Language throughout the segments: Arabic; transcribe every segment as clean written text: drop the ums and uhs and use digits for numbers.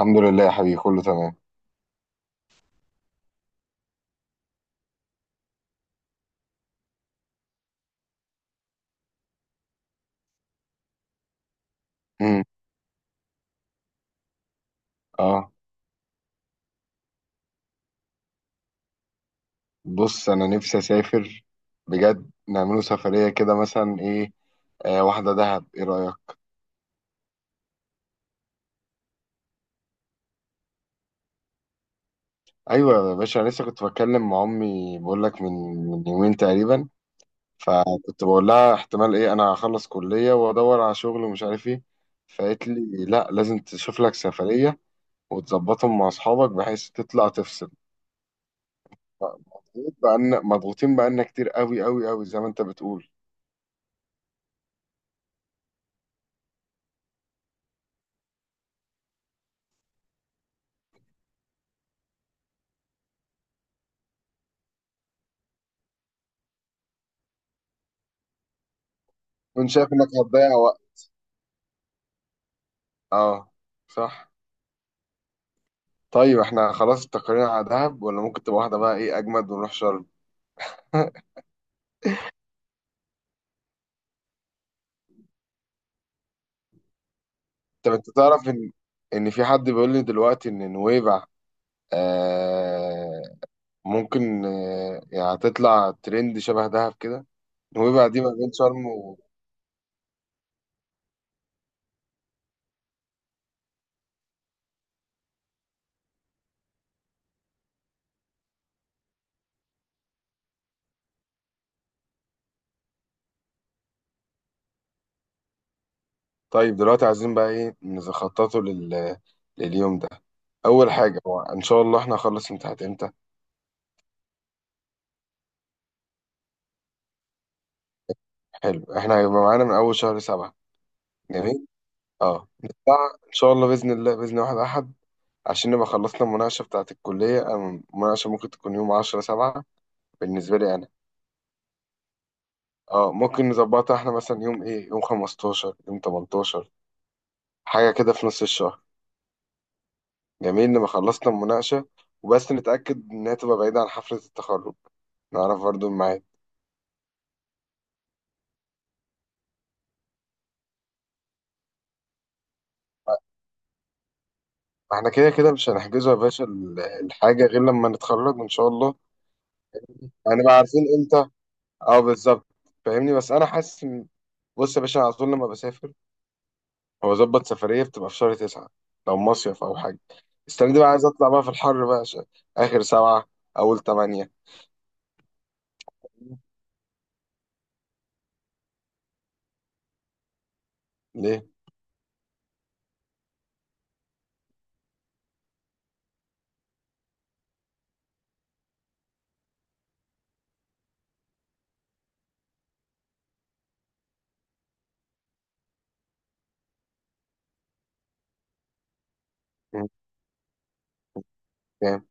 الحمد لله يا حبيبي، كله تمام. امم. اه. بص، انا نفسي اسافر بجد. نعمله سفريه كده، مثلا ايه؟ آه واحده دهب، ايه رايك؟ ايوه يا باشا، انا لسه كنت بتكلم مع امي بقول لك من يومين تقريبا. فكنت بقول لها، احتمال ايه، انا هخلص كليه وادور على شغل، ومش عارف ايه. فقالت لي لا، لازم تشوف لك سفريه وتظبطهم مع اصحابك بحيث تطلع تفصل. مضغوط بقى. مضغوطين بقالنا كتير، قوي قوي قوي زي ما انت بتقول. كنت شايف انك هتضيع وقت. اه. صح. طيب احنا خلاص استقرينا على دهب، ولا ممكن تبقى واحدة بقى ايه اجمد ونروح شرم؟ طب انت تعرف ان في حد بيقول لي دلوقتي ان نويبع، آه ممكن يعني هتطلع ترند شبه دهب كده. نويبع دي ما بين شرم و... طيب دلوقتي عايزين بقى ايه نخططه لل... لليوم ده؟ اول حاجة، هو ان شاء الله احنا هنخلص امتحانات امتى؟ حلو، احنا هيبقى معانا من اول شهر 7. جميل. اه نطلع ان شاء الله، باذن الله باذن واحد احد، عشان نبقى خلصنا المناقشة بتاعة الكلية. المناقشة ممكن تكون يوم 10/7 بالنسبة لي أنا. اه ممكن نظبطها احنا مثلا يوم ايه، يوم 15، يوم 18، حاجة كده في نص الشهر. جميل، نبقى خلصنا المناقشة، وبس نتأكد إنها تبقى بعيدة عن حفلة التخرج، نعرف برضو الميعاد. احنا كده كده مش هنحجزه يا باشا الحاجة غير لما نتخرج إن شاء الله. هنبقى عارفين امتى. اه بالظبط. فاهمني، بس أنا حاسس بص يا باشا، على طول لما بسافر هو ظبط سفرية، بتبقى في شهر 9 لو مصيف أو حاجة. السنة دي بقى عايز أطلع بقى في الحر بقى، آخر 7 أول 8. ليه؟ مم، فاهم.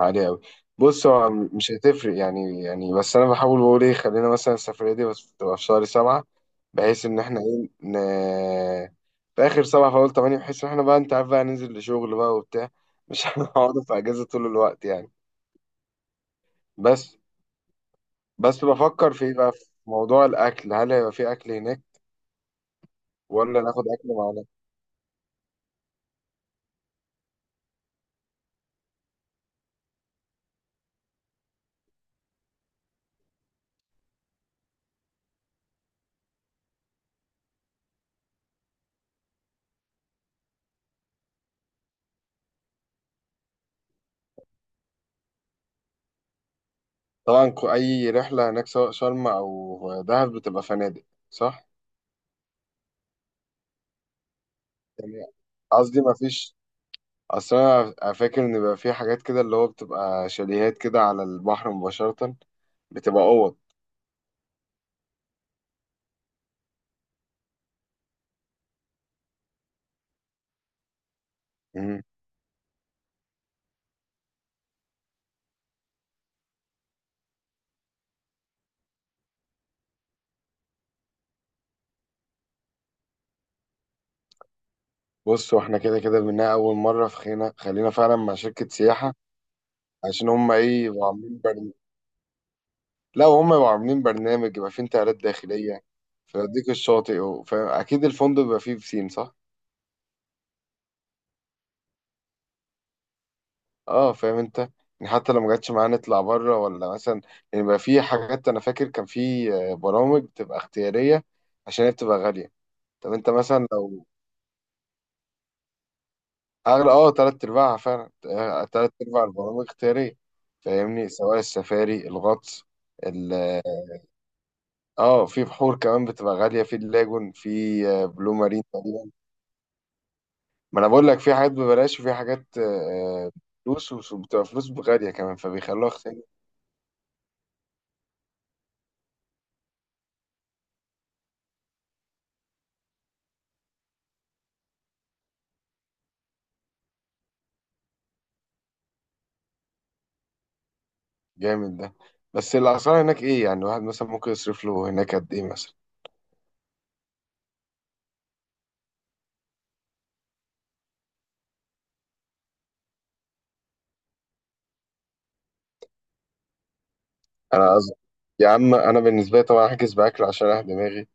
عالي أوي. بص هو مش هتفرق يعني بس أنا بحاول بقول، إيه خلينا مثلا السفرية دي بس تبقى في شهر 7، بحيث إن إحنا إيه ن... في آخر 7 في أول 8، بحيث إن إحنا بقى أنت عارف بقى ننزل لشغل بقى وبتاع. مش هنقعد في أجازة طول الوقت يعني. بس بس بفكر في إيه بقى، في موضوع الأكل، هل هيبقى في أكل هناك؟ ولا ناخد اكل معانا؟ طبعا، اي رحله هناك سواء شرم او دهب بتبقى فنادق. صح. يعني قصدي ما فيش، اصل انا فاكر ان بيبقى في حاجات كده اللي هو بتبقى شاليهات كده على البحر مباشره، بتبقى اوض. مم. بص، واحنا كده كده منها اول مره، في خينا خلينا فعلا مع شركه سياحه، عشان هم ايه يبقوا عاملين برنامج. لا، هم يبقوا عاملين برنامج يبقى فيه انتقالات داخليه، فيوديك الشاطئ و... فاكيد الفندق بيبقى فيه بسين. صح. اه فاهم انت. يعني حتى لو ما جاتش معانا نطلع بره ولا مثلا. يعني بقى في حاجات، انا فاكر كان في برامج بتبقى اختياريه، عشان هي بتبقى غاليه. طب انت مثلا لو اغلى، اه تلات ارباعها فعلا، تلات ارباع البرامج اختياريه. فاهمني، سواء السفاري، الغطس، ال اه في بحور كمان بتبقى غاليه، في اللاجون، في بلو مارين تقريبا. ما انا بقول لك في حاجات ببلاش، وفي حاجات آه، فلوس، وبتبقى فلوس غاليه كمان فبيخلوها. جامد ده. بس الاسعار هناك ايه يعني الواحد مثلا ممكن يصرف له هناك قد ايه مثلا. انا قصدي، يا عم انا بالنسبه لي طبعا هحجز باكل عشان اريح دماغي.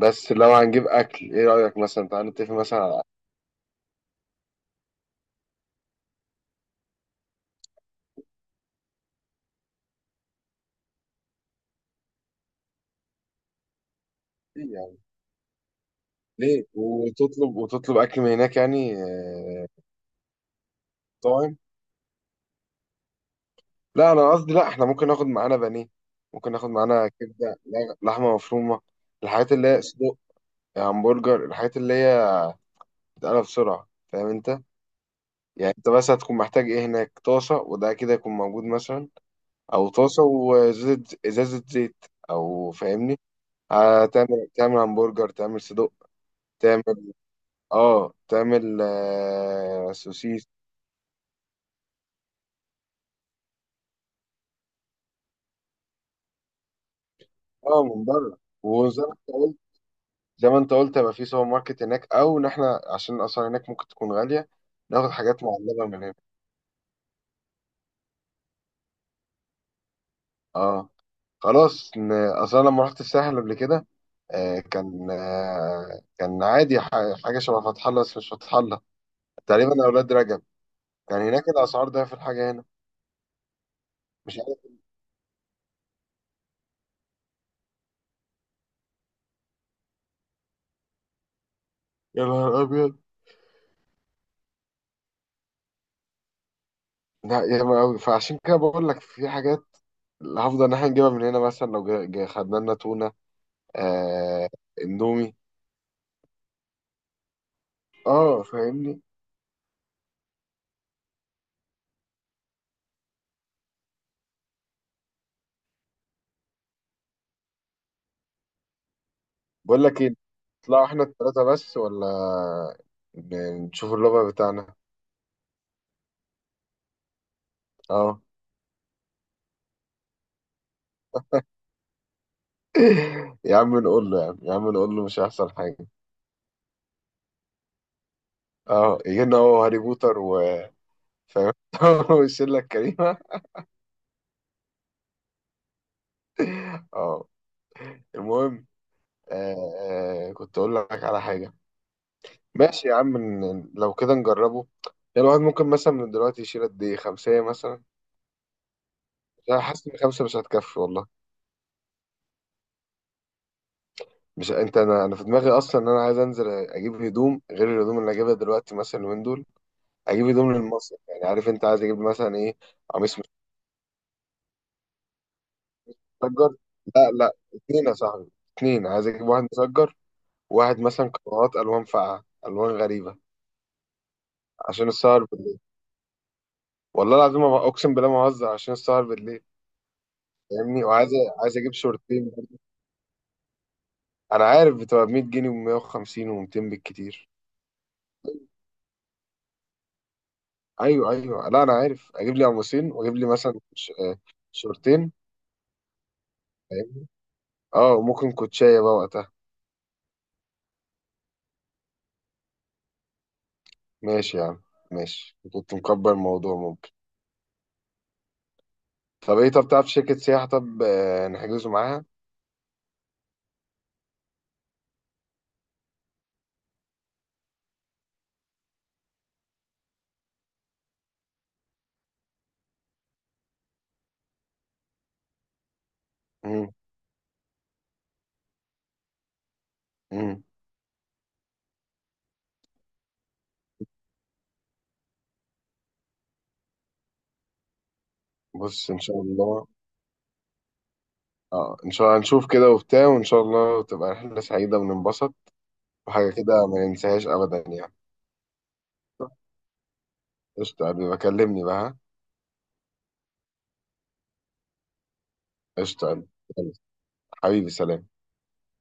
بس لو هنجيب اكل، ايه رايك مثلا تعالى نتفق مثلا على ايه يعني. ليه، وتطلب وتطلب اكل من هناك يعني طاعم. لا انا قصدي، لا احنا ممكن ناخد معانا بانيه، ممكن ناخد معانا كبده، لحمه مفرومه، الحاجات اللي هي صدق، همبرجر، الحاجات اللي هي بتتقلب بسرعه، فاهم انت. يعني انت بس هتكون محتاج ايه هناك، طاسه وده كده يكون موجود مثلا، او طاسه وازازه، ازازه زيت، او فاهمني. هتعمل تعمل همبرجر، تعمل صدق، تعمل اه تعمل آه سوسيس. اه من بره، وزي ما انت قلت، زي ما انت قلت يبقى في سوبر ماركت هناك، او ان احنا عشان اصلا هناك ممكن تكون غاليه، ناخد حاجات معلبه من هنا. اه خلاص. اصلا لما رحت الساحل قبل كده، كان كان عادي، حاجة شبه فتح الله بس مش فتح الله، تقريبا أولاد رجب. كان هناك الأسعار ده في الحاجة هنا. مش يا نهار ابيض لا ياما قوي. فعشان كده بقول لك في حاجات اللي هفضل ان احنا نجيبها من هنا، مثلا لو خدنا لنا تونه، آه اندومي. اه فاهمني. بقول لك ايه، نطلعوا احنا الثلاثه بس ولا نشوف اللغه بتاعنا. اه. يا عم نقول له، يا عم يا عم نقول له مش هيحصل حاجه. اه يجي لنا هو هاري بوتر و فاهم والشله الكريمه. اه المهم. آه كنت اقول لك على حاجه. ماشي يا عم، لو كده نجربه. يعني الواحد ممكن مثلا من دلوقتي يشيل قد ايه، خمسة مثلا. انا حاسس ان خمسة مش هتكفي والله. مش انت، انا في دماغي اصلا ان انا عايز انزل اجيب هدوم غير الهدوم اللي اجيبها دلوقتي مثلا اليومين دول. اجيب هدوم للمصيف يعني، عارف انت عايز اجيب مثلا ايه. قميص متسجر. لا لا اتنين يا صاحبي، اتنين عايز اجيب واحد مسجر، وواحد مثلا قنوات الوان فاقعة الوان غريبة، عشان السهر بالليل. والله العظيم، اقسم بالله ما بهزر، عشان السهر بالليل. فاهمني، وعايز اجيب شورتين. انا عارف بتبقى ب 100 جنيه و150 و200 بالكتير. ايوه ايوه، لا انا عارف اجيب لي قميصين، واجيب لي مثلا شورتين، فاهمني. اه وممكن كوتشايه بقى وقتها. ماشي يا عم. ماشي، كنت مكبر الموضوع ممكن. طب ايه، طب تعرف شركه سياحه طب نحجزه معاها. امم. امم. بص، ان شاء الله. اه ان شاء الله هنشوف كده وبتاع، وان شاء الله تبقى رحله سعيده وننبسط، وحاجه كده ما ننساهاش ابدا يعني. قشطه يا حبيبي، بكلمني بقى، ها؟ قشطه يا حبيبي. يلا. حبيبي سلام